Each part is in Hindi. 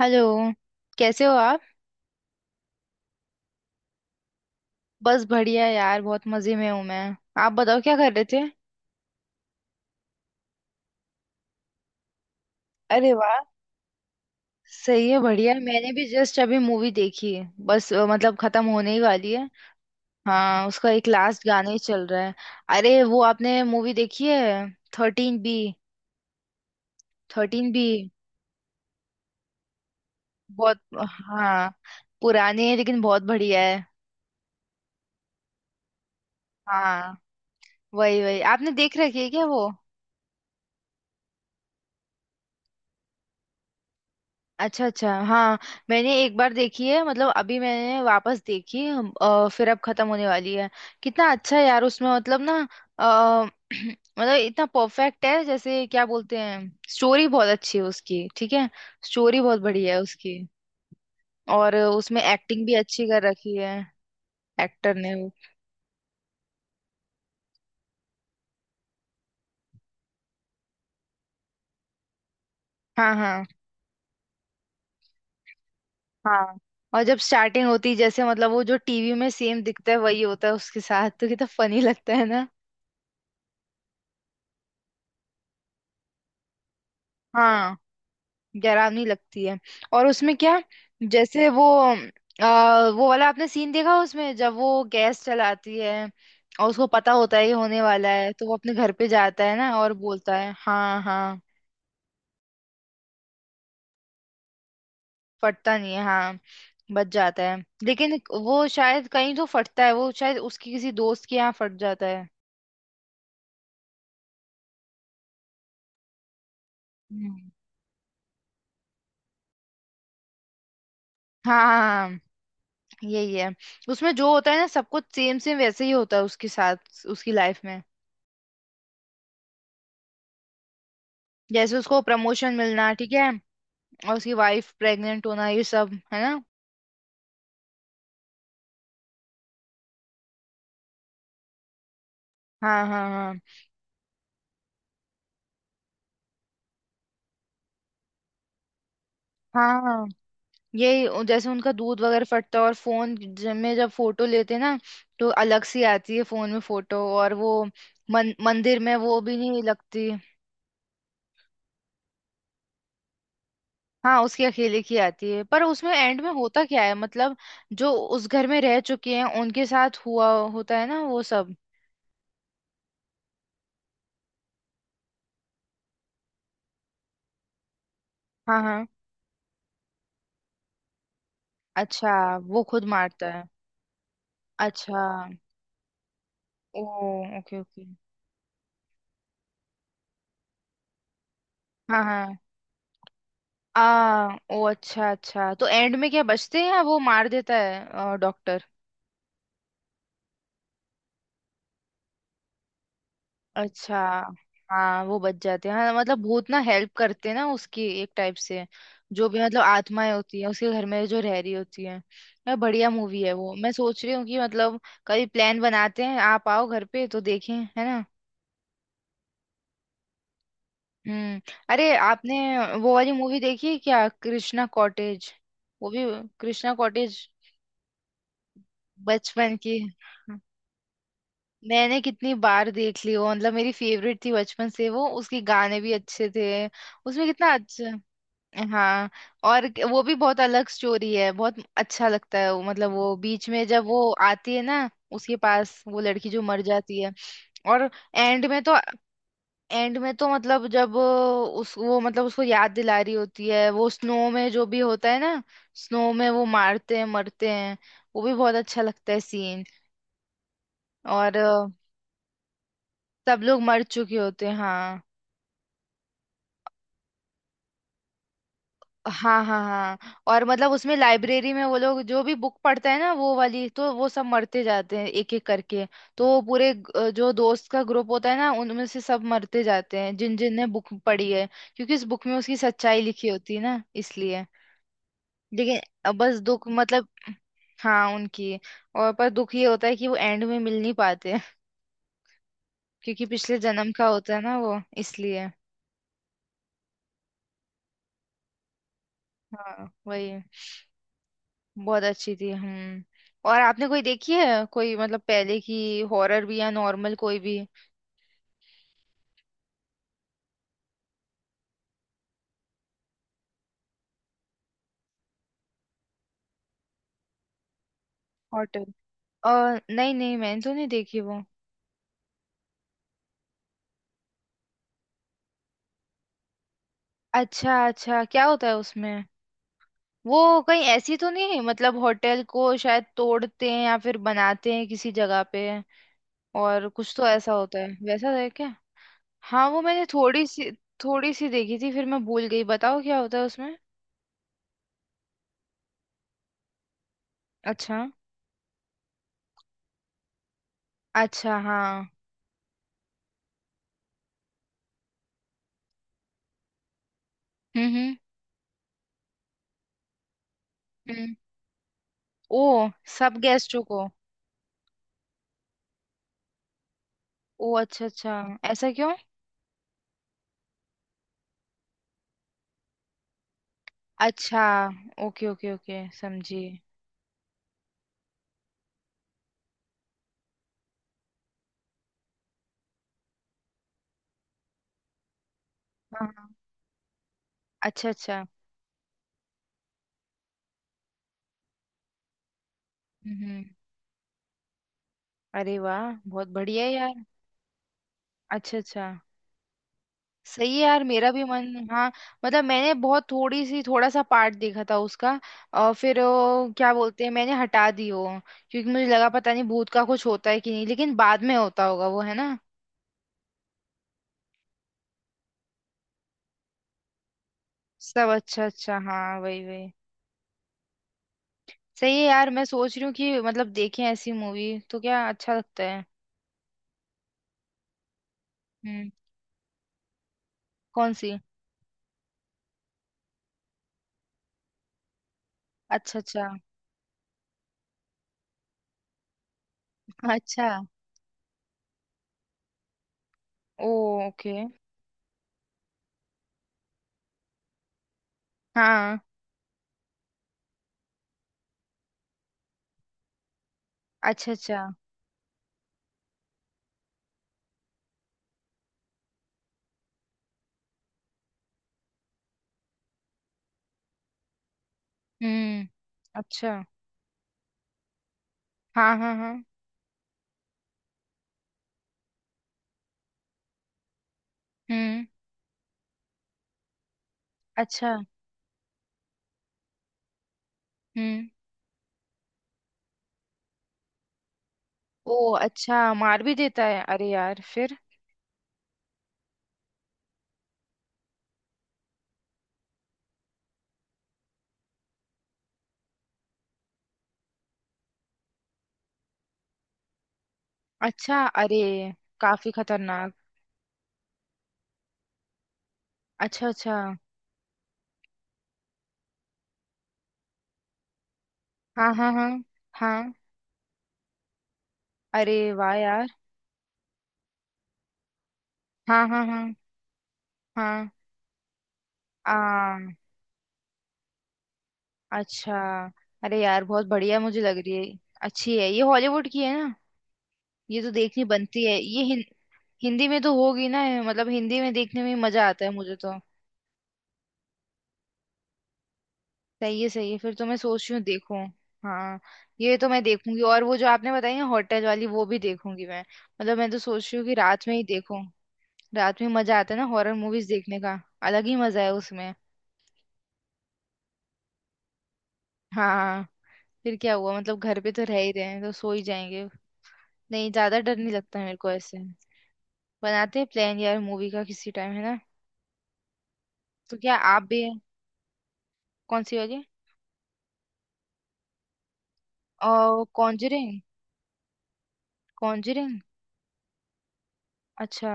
हेलो। कैसे हो आप। बस बढ़िया यार, बहुत मजे में हूँ मैं। आप बताओ क्या कर रहे थे। अरे वाह, सही है, बढ़िया। मैंने भी जस्ट अभी मूवी देखी है, बस मतलब खत्म होने ही वाली है। हाँ, उसका एक लास्ट गाना ही चल रहा है। अरे वो आपने मूवी देखी है, थर्टीन बी। Thirteen B. बहुत। हाँ, पुरानी है लेकिन बहुत बढ़िया है। हाँ, वही वही आपने देख रखी है क्या वो। अच्छा अच्छा, हाँ। मैंने एक बार देखी है, मतलब अभी मैंने वापस देखी फिर अब खत्म होने वाली है। कितना अच्छा है यार उसमें, मतलब ना। अ, मतलब इतना परफेक्ट है, जैसे क्या बोलते हैं। स्टोरी बहुत अच्छी है उसकी, ठीक है। स्टोरी बहुत बढ़िया है उसकी। और उसमें एक्टिंग भी अच्छी कर रखी है। एक्टर ने वो। हाँ हाँ। हाँ, और जब स्टार्टिंग होती है, जैसे मतलब वो जो टीवी में सेम दिखता है वही होता है उसके साथ, तो कितना फनी लगता है ना। हाँ, डरावनी लगती है। और उसमें क्या, जैसे वो वो वाला आपने सीन देखा, उसमें जब वो गैस चलाती है और उसको पता होता है ये होने वाला है, तो वो अपने घर पे जाता है ना और बोलता है। हाँ हाँ, फटता नहीं है, हाँ। बच जाता है। लेकिन वो शायद कहीं तो फटता है, वो शायद उसकी किसी दोस्त के यहाँ फट जाता है। हम्म। हाँ हाँ। हाँ, यही है। उसमें जो होता है ना, सब कुछ सेम सेम वैसे ही होता है उसके साथ उसकी लाइफ में। जैसे उसको प्रमोशन मिलना, ठीक है। और उसकी वाइफ प्रेग्नेंट होना, ये सब है ना। हाँ हाँ। हाँ हाँ, यही जैसे उनका दूध वगैरह फटता है। और फोन में जब फोटो लेते हैं ना, तो अलग सी आती है फोन में फोटो। और वो मंदिर में वो भी नहीं लगती। हाँ, उसकी अकेले की आती है, पर उसमें एंड में होता क्या है मतलब, जो उस घर में रह चुके हैं उनके साथ हुआ होता है ना वो सब। हाँ हाँ। अच्छा, वो खुद मारता है। अच्छा। ओ। Okay okay. हाँ हाँ। आ, ओ अच्छा अच्छा, तो एंड में क्या बचते हैं या वो मार देता है डॉक्टर। अच्छा। हाँ, वो बच जाते हैं, हाँ। मतलब भूत ना हेल्प करते हैं ना उसकी, एक टाइप से। जो भी मतलब आत्माएं होती है उसके घर में जो रह रही होती है। यार, बढ़िया मूवी है वो। मैं सोच रही हूँ कि मतलब कभी प्लान बनाते हैं, आप आओ घर पे तो देखें, है ना। हम्म। अरे आपने वो वाली मूवी देखी है क्या, कृष्णा कॉटेज। वो भी कृष्णा कॉटेज। बचपन की। मैंने कितनी बार देख ली वो, मतलब मेरी फेवरेट थी बचपन से वो। उसके गाने भी अच्छे थे। उसमें कितना अच्छा। हाँ, और वो भी बहुत अलग स्टोरी है, बहुत अच्छा लगता है वो। मतलब वो बीच में जब वो आती है ना उसके पास, वो लड़की जो मर जाती है। और एंड में तो, एंड में तो मतलब जब उस वो मतलब उसको याद दिला रही होती है वो, स्नो में जो भी होता है ना। स्नो में वो मारते हैं, मरते हैं। वो भी बहुत अच्छा लगता है सीन। और सब लोग मर चुके होते हैं, हाँ। हाँ हाँ हाँ, और मतलब उसमें लाइब्रेरी में वो लोग जो भी बुक पढ़ता है ना वो वाली, तो वो सब मरते जाते हैं एक एक करके। तो वो पूरे जो दोस्त का ग्रुप होता है ना, उनमें से सब मरते जाते हैं जिन जिन ने बुक पढ़ी है। क्योंकि उस बुक में उसकी सच्चाई लिखी होती है ना, इसलिए। लेकिन बस दुख मतलब। हाँ उनकी। और पर दुख ये होता है कि वो एंड में मिल नहीं पाते क्योंकि पिछले जन्म का होता है ना वो, इसलिए। हाँ, वही। बहुत अच्छी थी, हम्म। और आपने कोई देखी है कोई, मतलब पहले की हॉरर भी या नॉर्मल कोई भी। होटल। और नहीं नहीं, मैंने तो नहीं देखी वो। अच्छा अच्छा, क्या होता है उसमें। वो कहीं ऐसी तो नहीं है, मतलब होटल को शायद तोड़ते हैं या फिर बनाते हैं किसी जगह पे और कुछ तो ऐसा होता है, वैसा है क्या। हाँ, वो मैंने थोड़ी सी, थोड़ी सी देखी थी फिर मैं भूल गई, बताओ क्या होता है उसमें। अच्छा। अच्छा, हाँ। हम्म। हम्म। ओ। सब गेस्टों को। ओ अच्छा अच्छा, ऐसा क्यों। अच्छा, ओके ओके ओके, समझी। हाँ हाँ, अच्छा अच्छा। हम्म। अरे वाह, बहुत बढ़िया है यार। अच्छा अच्छा। सही है यार, मेरा भी मन, हाँ। मतलब मैंने बहुत थोड़ी सी, थोड़ा सा पार्ट देखा था उसका। और फिर वो क्या बोलते हैं, मैंने हटा दी वो। क्योंकि मुझे लगा पता नहीं भूत का कुछ होता है कि नहीं, लेकिन बाद में होता होगा वो, है ना। सब अच्छा अच्छा, हाँ वही वही। सही है यार, मैं सोच रही हूँ कि मतलब देखें ऐसी मूवी, तो क्या अच्छा लगता है। हम्म। कौन सी। अच्छा अच्छा अच्छा। ओ। ओके। हाँ। अच्छा अच्छा। हम्म। अच्छा। हाँ हाँ हाँ। हम्म। अच्छा। हम्म। ओ अच्छा, मार भी देता है, अरे यार, फिर। अच्छा, अरे, काफी खतरनाक। अच्छा अच्छा। हाँ हाँ हाँ। हाँ, अरे वाह यार। हाँ हाँ हाँ। हाँ, आ, अच्छा। अरे यार, बहुत बढ़िया मुझे लग रही है। अच्छी है, ये हॉलीवुड की है ना। ये तो देखनी बनती है ये। हिंदी में तो होगी ना, मतलब हिंदी में देखने में ही मजा आता है मुझे तो। सही है, सही है, फिर तो मैं सोच रही हूँ देखूं। हाँ। ये तो मैं देखूंगी, और वो जो आपने बताई ना होटल वाली वो भी देखूंगी मैं। मतलब मैं तो सोच रही हूँ कि रात में ही देखूं। रात में मजा आता है ना हॉरर मूवीज देखने का। अलग ही मजा है उसमें। हाँ। फिर क्या हुआ, मतलब घर पे तो रह ही रहे हैं तो सो ही जाएंगे। नहीं, ज्यादा डर नहीं लगता मेरे को ऐसे। बनाते हैं प्लान यार मूवी का किसी टाइम, है ना। तो क्या आप भी। कौन सी वाली। और कॉन्जरिंग। कॉन्जरिंग। अच्छा।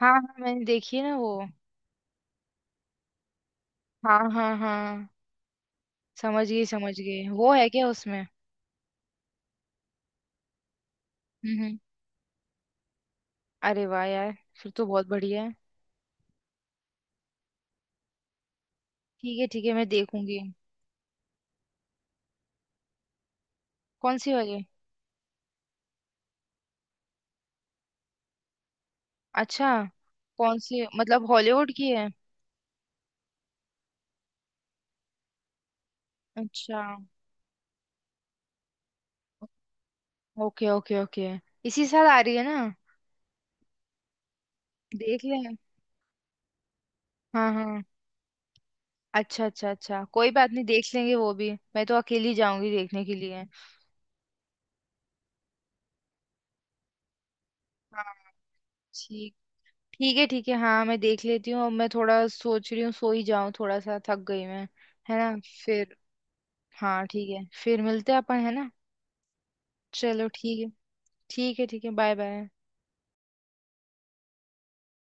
हाँ हाँ, मैंने देखी है ना वो। हाँ हाँ हाँ। समझ गई समझ गई, वो है क्या उसमें। हम्म हम्म। अरे वाह यार, फिर तो बहुत बढ़िया है। ठीक है ठीक है, मैं देखूंगी। कौन सी वाली। अच्छा। कौन सी, मतलब हॉलीवुड की है। अच्छा, ओके ओके ओके। इसी साल आ रही है ना। देख लें। हाँ हाँ। अच्छा अच्छा अच्छा, कोई बात नहीं, देख लेंगे वो भी। मैं तो अकेली जाऊंगी देखने के लिए। हाँ। ठीक। ठीक है ठीक है, हाँ, मैं देख लेती हूँ। अब मैं थोड़ा सोच रही हूँ सो ही जाऊँ, थोड़ा सा थक गई मैं। है ना। फिर। हाँ ठीक है, फिर मिलते हैं अपन, है ना। चलो, ठीक है। ठीक है, ठीक है, बाय बाय।